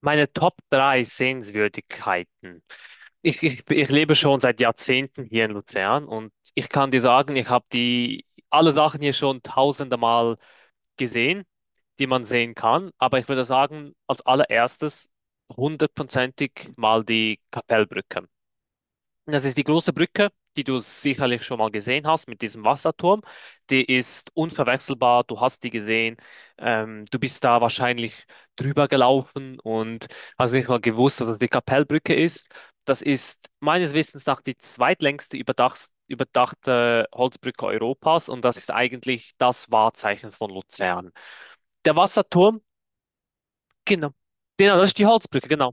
Meine Top 3 Sehenswürdigkeiten. Ich lebe schon seit Jahrzehnten hier in Luzern und ich kann dir sagen, ich habe die alle Sachen hier schon tausende Mal gesehen, die man sehen kann. Aber ich würde sagen, als allererstes hundertprozentig mal die Kapellbrücke. Das ist die große Brücke, die du sicherlich schon mal gesehen hast mit diesem Wasserturm. Die ist unverwechselbar, du hast die gesehen. Du bist da wahrscheinlich drüber gelaufen und hast nicht mal gewusst, dass es die Kapellbrücke ist. Das ist meines Wissens nach die zweitlängste überdachte Holzbrücke Europas und das ist eigentlich das Wahrzeichen von Luzern. Der Wasserturm, genau. Genau, das ist die Holzbrücke, genau.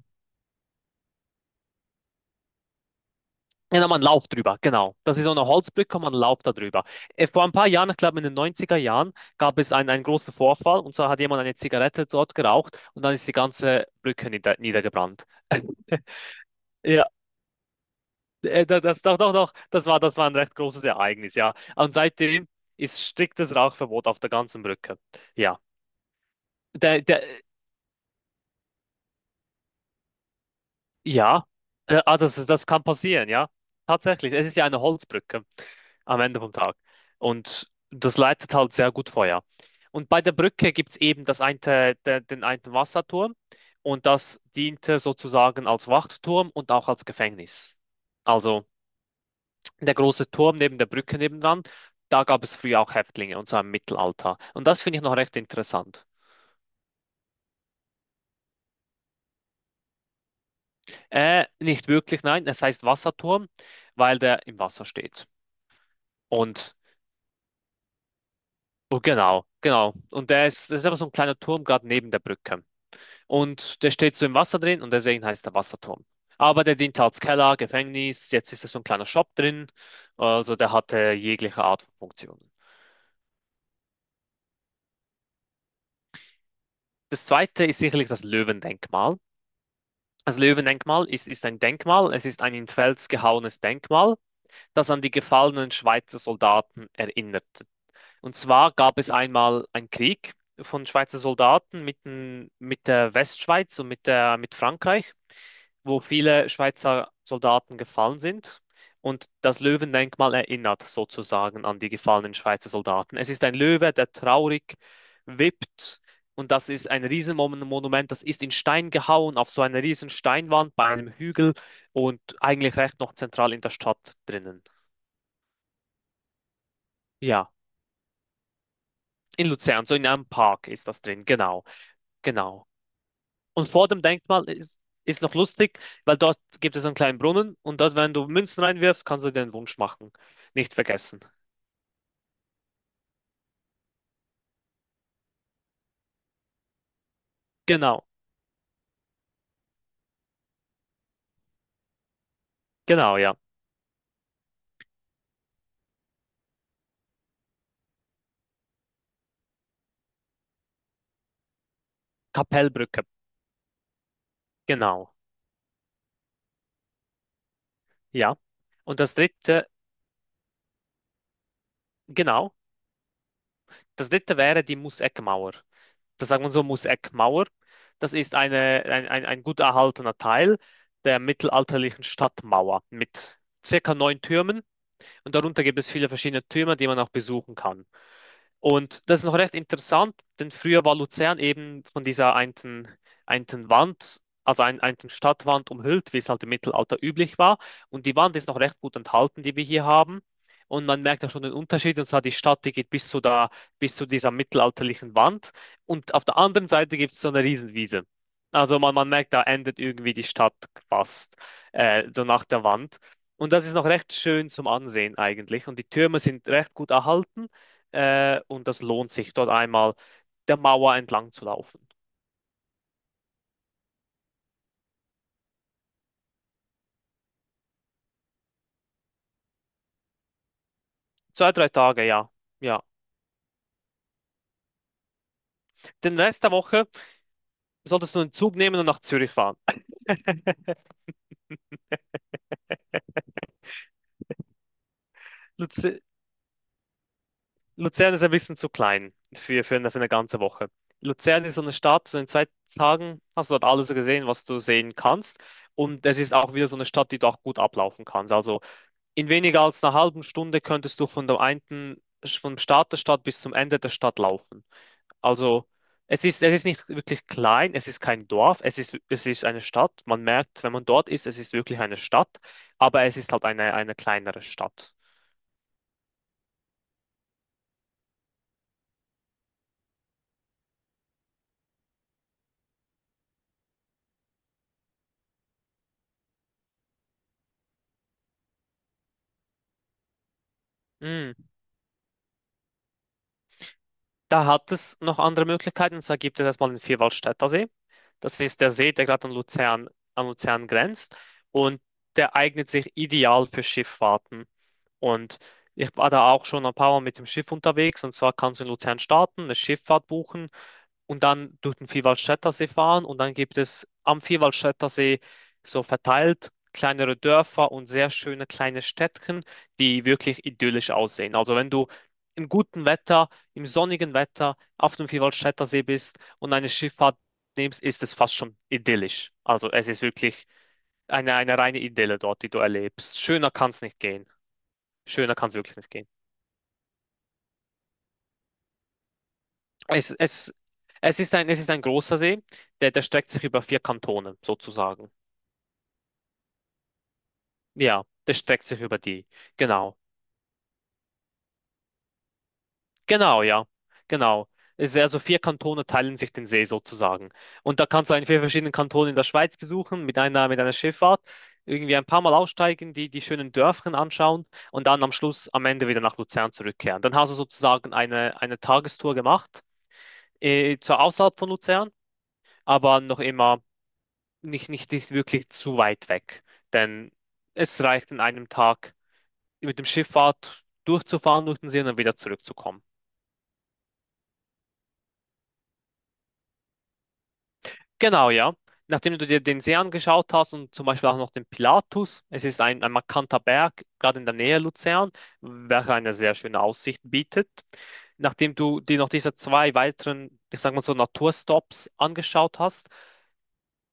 Ja, nochmal einen Lauf drüber, genau. Das ist so eine Holzbrücke, man einen Lauf da drüber. Vor ein paar Jahren, ich glaube in den 90er Jahren, gab es einen großen Vorfall und zwar hat jemand eine Zigarette dort geraucht und dann ist die ganze Brücke niedergebrannt. Ja, doch, doch, doch, das war ein recht großes Ereignis, ja. Und seitdem ist striktes Rauchverbot auf der ganzen Brücke. Ja. Der, der, Ja, das kann passieren, ja. Tatsächlich, es ist ja eine Holzbrücke am Ende vom Tag. Und das leitet halt sehr gut Feuer. Und bei der Brücke gibt es eben den einen Wasserturm und das diente sozusagen als Wachturm und auch als Gefängnis. Also der große Turm neben der Brücke nebendran, da gab es früher auch Häftlinge und zwar im Mittelalter. Und das finde ich noch recht interessant. Nicht wirklich, nein, es heißt Wasserturm, weil der im Wasser steht. Und. Oh, genau, genau. Und der ist, das ist aber so ein kleiner Turm gerade neben der Brücke. Und der steht so im Wasser drin und deswegen heißt der Wasserturm. Aber der diente als Keller, Gefängnis, jetzt ist da so ein kleiner Shop drin. Also der hatte jegliche Art von Funktionen. Das zweite ist sicherlich das Löwendenkmal. Das Löwendenkmal ist ein Denkmal, es ist ein in Fels gehauenes Denkmal, das an die gefallenen Schweizer Soldaten erinnert. Und zwar gab es einmal einen Krieg von Schweizer Soldaten mit der Westschweiz und mit Frankreich, wo viele Schweizer Soldaten gefallen sind. Und das Löwendenkmal erinnert sozusagen an die gefallenen Schweizer Soldaten. Es ist ein Löwe, der traurig wippt. Und das ist ein Riesenmonument, das ist in Stein gehauen, auf so einer riesen Steinwand bei einem Hügel und eigentlich recht noch zentral in der Stadt drinnen. Ja, in Luzern, so in einem Park ist das drin, genau, genau. Und vor dem Denkmal ist noch lustig, weil dort gibt es einen kleinen Brunnen und dort, wenn du Münzen reinwirfst, kannst du dir Wunsch machen. Nicht vergessen. Genau, genau, ja. Kapellbrücke, genau, ja. Und das dritte, genau, das dritte wäre die Museckmauer. Das sagt man so, Museckmauer. Das ist ein gut erhaltener Teil der mittelalterlichen Stadtmauer mit circa neun Türmen und darunter gibt es viele verschiedene Türme, die man auch besuchen kann. Und das ist noch recht interessant, denn früher war Luzern eben von dieser einten Wand, also einten Stadtwand umhüllt, wie es halt im Mittelalter üblich war. Und die Wand ist noch recht gut enthalten, die wir hier haben. Und man merkt da schon den Unterschied. Und zwar die Stadt, die geht bis zu da, bis zu dieser mittelalterlichen Wand. Und auf der anderen Seite gibt es so eine Riesenwiese. Also man merkt, da endet irgendwie die Stadt fast, so nach der Wand. Und das ist noch recht schön zum Ansehen eigentlich. Und die Türme sind recht gut erhalten. Und das lohnt sich, dort einmal der Mauer entlang zu laufen. Zwei, drei Tage, ja. Ja. Den Rest der Woche solltest du einen Zug nehmen und nach Zürich fahren. Luzi- Luzern ist ein bisschen zu klein für eine ganze Woche. Luzern ist so eine Stadt, so in 2 Tagen hast du dort alles gesehen, was du sehen kannst. Und es ist auch wieder so eine Stadt, die du auch gut ablaufen kannst. Also in weniger als einer halben Stunde könntest du von der einen, vom Start der Stadt bis zum Ende der Stadt laufen. Also es ist nicht wirklich klein, es ist kein Dorf, es ist eine Stadt. Man merkt, wenn man dort ist, es ist wirklich eine Stadt, aber es ist halt eine kleinere Stadt. Mm. Da hat es noch andere Möglichkeiten, und zwar gibt es erstmal den Vierwaldstätter See. Das ist der See, der gerade an Luzern grenzt und der eignet sich ideal für Schifffahrten. Und ich war da auch schon ein paar Mal mit dem Schiff unterwegs und zwar kannst du in Luzern starten, eine Schifffahrt buchen und dann durch den Vierwaldstättersee fahren und dann gibt es am Vierwaldstättersee so verteilt kleinere Dörfer und sehr schöne kleine Städtchen, die wirklich idyllisch aussehen. Also wenn du im guten Wetter, im sonnigen Wetter auf dem Vierwaldstättersee bist und eine Schifffahrt nimmst, ist es fast schon idyllisch. Also es ist wirklich eine reine Idylle dort, die du erlebst. Schöner kann es nicht gehen. Schöner kann es wirklich nicht gehen. Es, es, es ist ein großer See, der streckt sich über vier Kantone sozusagen. Ja, das streckt sich über die. Genau. Genau, ja. Genau. Es- ist Also vier Kantone teilen sich den See sozusagen. Und da kannst du einen vier verschiedenen Kantonen in der Schweiz besuchen, mit einer Schifffahrt, irgendwie ein paar Mal aussteigen, die schönen Dörfchen anschauen und dann am Schluss, am Ende wieder nach Luzern zurückkehren. Dann hast du sozusagen eine Tagestour gemacht, zwar außerhalb von Luzern, aber noch immer nicht wirklich zu weit weg. Denn es reicht in einem Tag mit dem Schifffahrt durchzufahren durch den See und dann wieder zurückzukommen. Genau, ja. Nachdem du dir den See angeschaut hast und zum Beispiel auch noch den Pilatus, es ist ein markanter Berg, gerade in der Nähe Luzern, welcher eine sehr schöne Aussicht bietet. Nachdem du dir noch diese zwei weiteren, ich sag mal so, Naturstops angeschaut hast,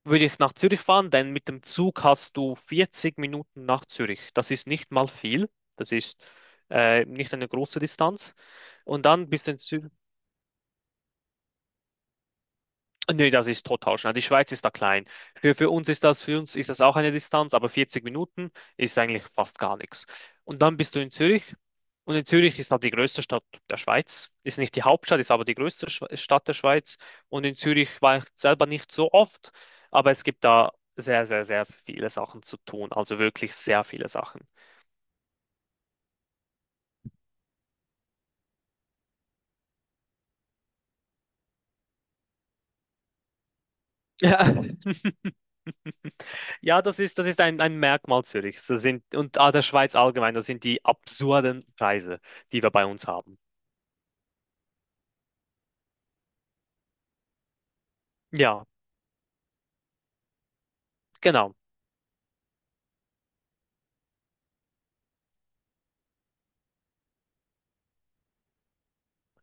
würde ich nach Zürich fahren, denn mit dem Zug hast du 40 Minuten nach Zürich. Das ist nicht mal viel. Das ist nicht eine große Distanz. Und dann bist du in Zü Nee, das ist total schnell. Die Schweiz ist da klein. Für uns ist das, für uns ist das auch eine Distanz, aber 40 Minuten ist eigentlich fast gar nichts. Und dann bist du in Zürich. Und in Zürich ist halt die größte Stadt der Schweiz. Ist nicht die Hauptstadt, ist aber die größte Stadt der Schweiz. Und in Zürich war ich selber nicht so oft, aber es gibt da sehr, sehr, sehr viele Sachen zu tun. Also wirklich sehr viele Sachen. Ja. Ja, das ist ein Merkmal Zürichs. Das sind, und ah, der Schweiz allgemein, das sind die absurden Preise, die wir bei uns haben. Ja, genau.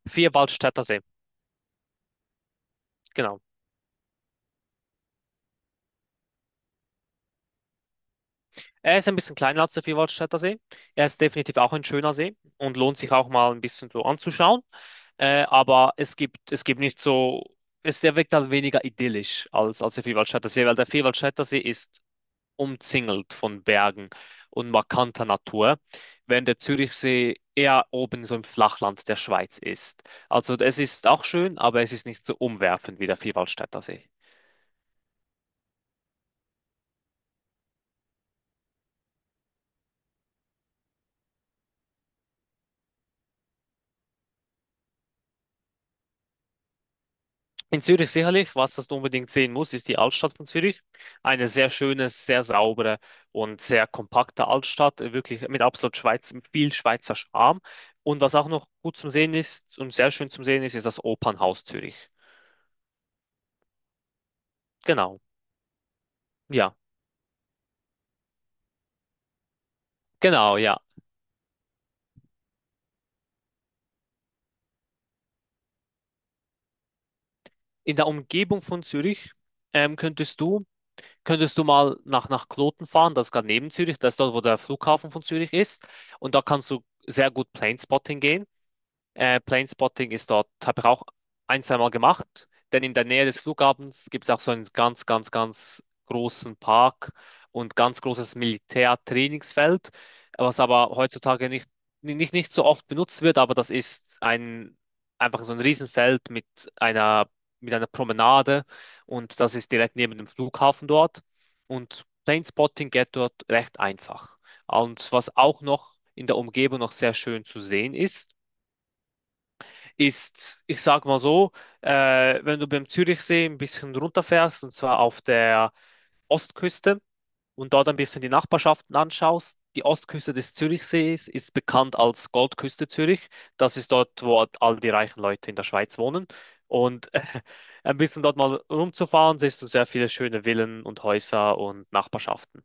Vierwaldstätter See. Genau. Er ist ein bisschen kleiner als der Vierwaldstätter See. Er ist definitiv auch ein schöner See und lohnt sich auch mal ein bisschen so anzuschauen. Aber es gibt nicht so, es, der wirkt halt weniger idyllisch als der Vierwaldstätter See, weil der Vierwaldstätter See ist umzingelt von Bergen und markanter Natur, während der Zürichsee eher oben so im Flachland der Schweiz ist. Also es ist auch schön, aber es ist nicht so umwerfend wie der Vierwaldstätter See. In Zürich sicherlich, was das du unbedingt sehen musst, ist die Altstadt von Zürich. Eine sehr schöne, sehr saubere und sehr kompakte Altstadt, wirklich mit absolut Schweiz, mit viel Schweizer Charme. Und was auch noch gut zum Sehen ist und sehr schön zum Sehen ist, ist das Opernhaus Zürich. Genau, ja, genau, ja. In der Umgebung von Zürich ähm, könntest du, könntest du mal nach Kloten fahren, das ist gerade neben Zürich, das ist dort, wo der Flughafen von Zürich ist. Und da kannst du sehr gut Planespotting gehen. Planespotting ist dort, habe ich auch ein, zwei Mal gemacht, denn in der Nähe des Flughafens gibt es auch so einen ganz, ganz, ganz großen Park und ganz großes Militärtrainingsfeld, was aber heutzutage nicht so oft benutzt wird, aber das ist ein, einfach so ein Riesenfeld einer, mit einer Promenade und das ist direkt neben dem Flughafen dort und Planespotting geht dort recht einfach. Und was auch noch in der Umgebung noch sehr schön zu sehen ist, ist, ich sag mal so, wenn du beim Zürichsee ein bisschen runterfährst, und zwar auf der Ostküste und dort ein bisschen die Nachbarschaften anschaust, die Ostküste des Zürichsees ist bekannt als Goldküste Zürich. Das ist dort, wo all die reichen Leute in der Schweiz wohnen. Und ein bisschen dort mal rumzufahren, siehst du sehr viele schöne Villen und Häuser und Nachbarschaften.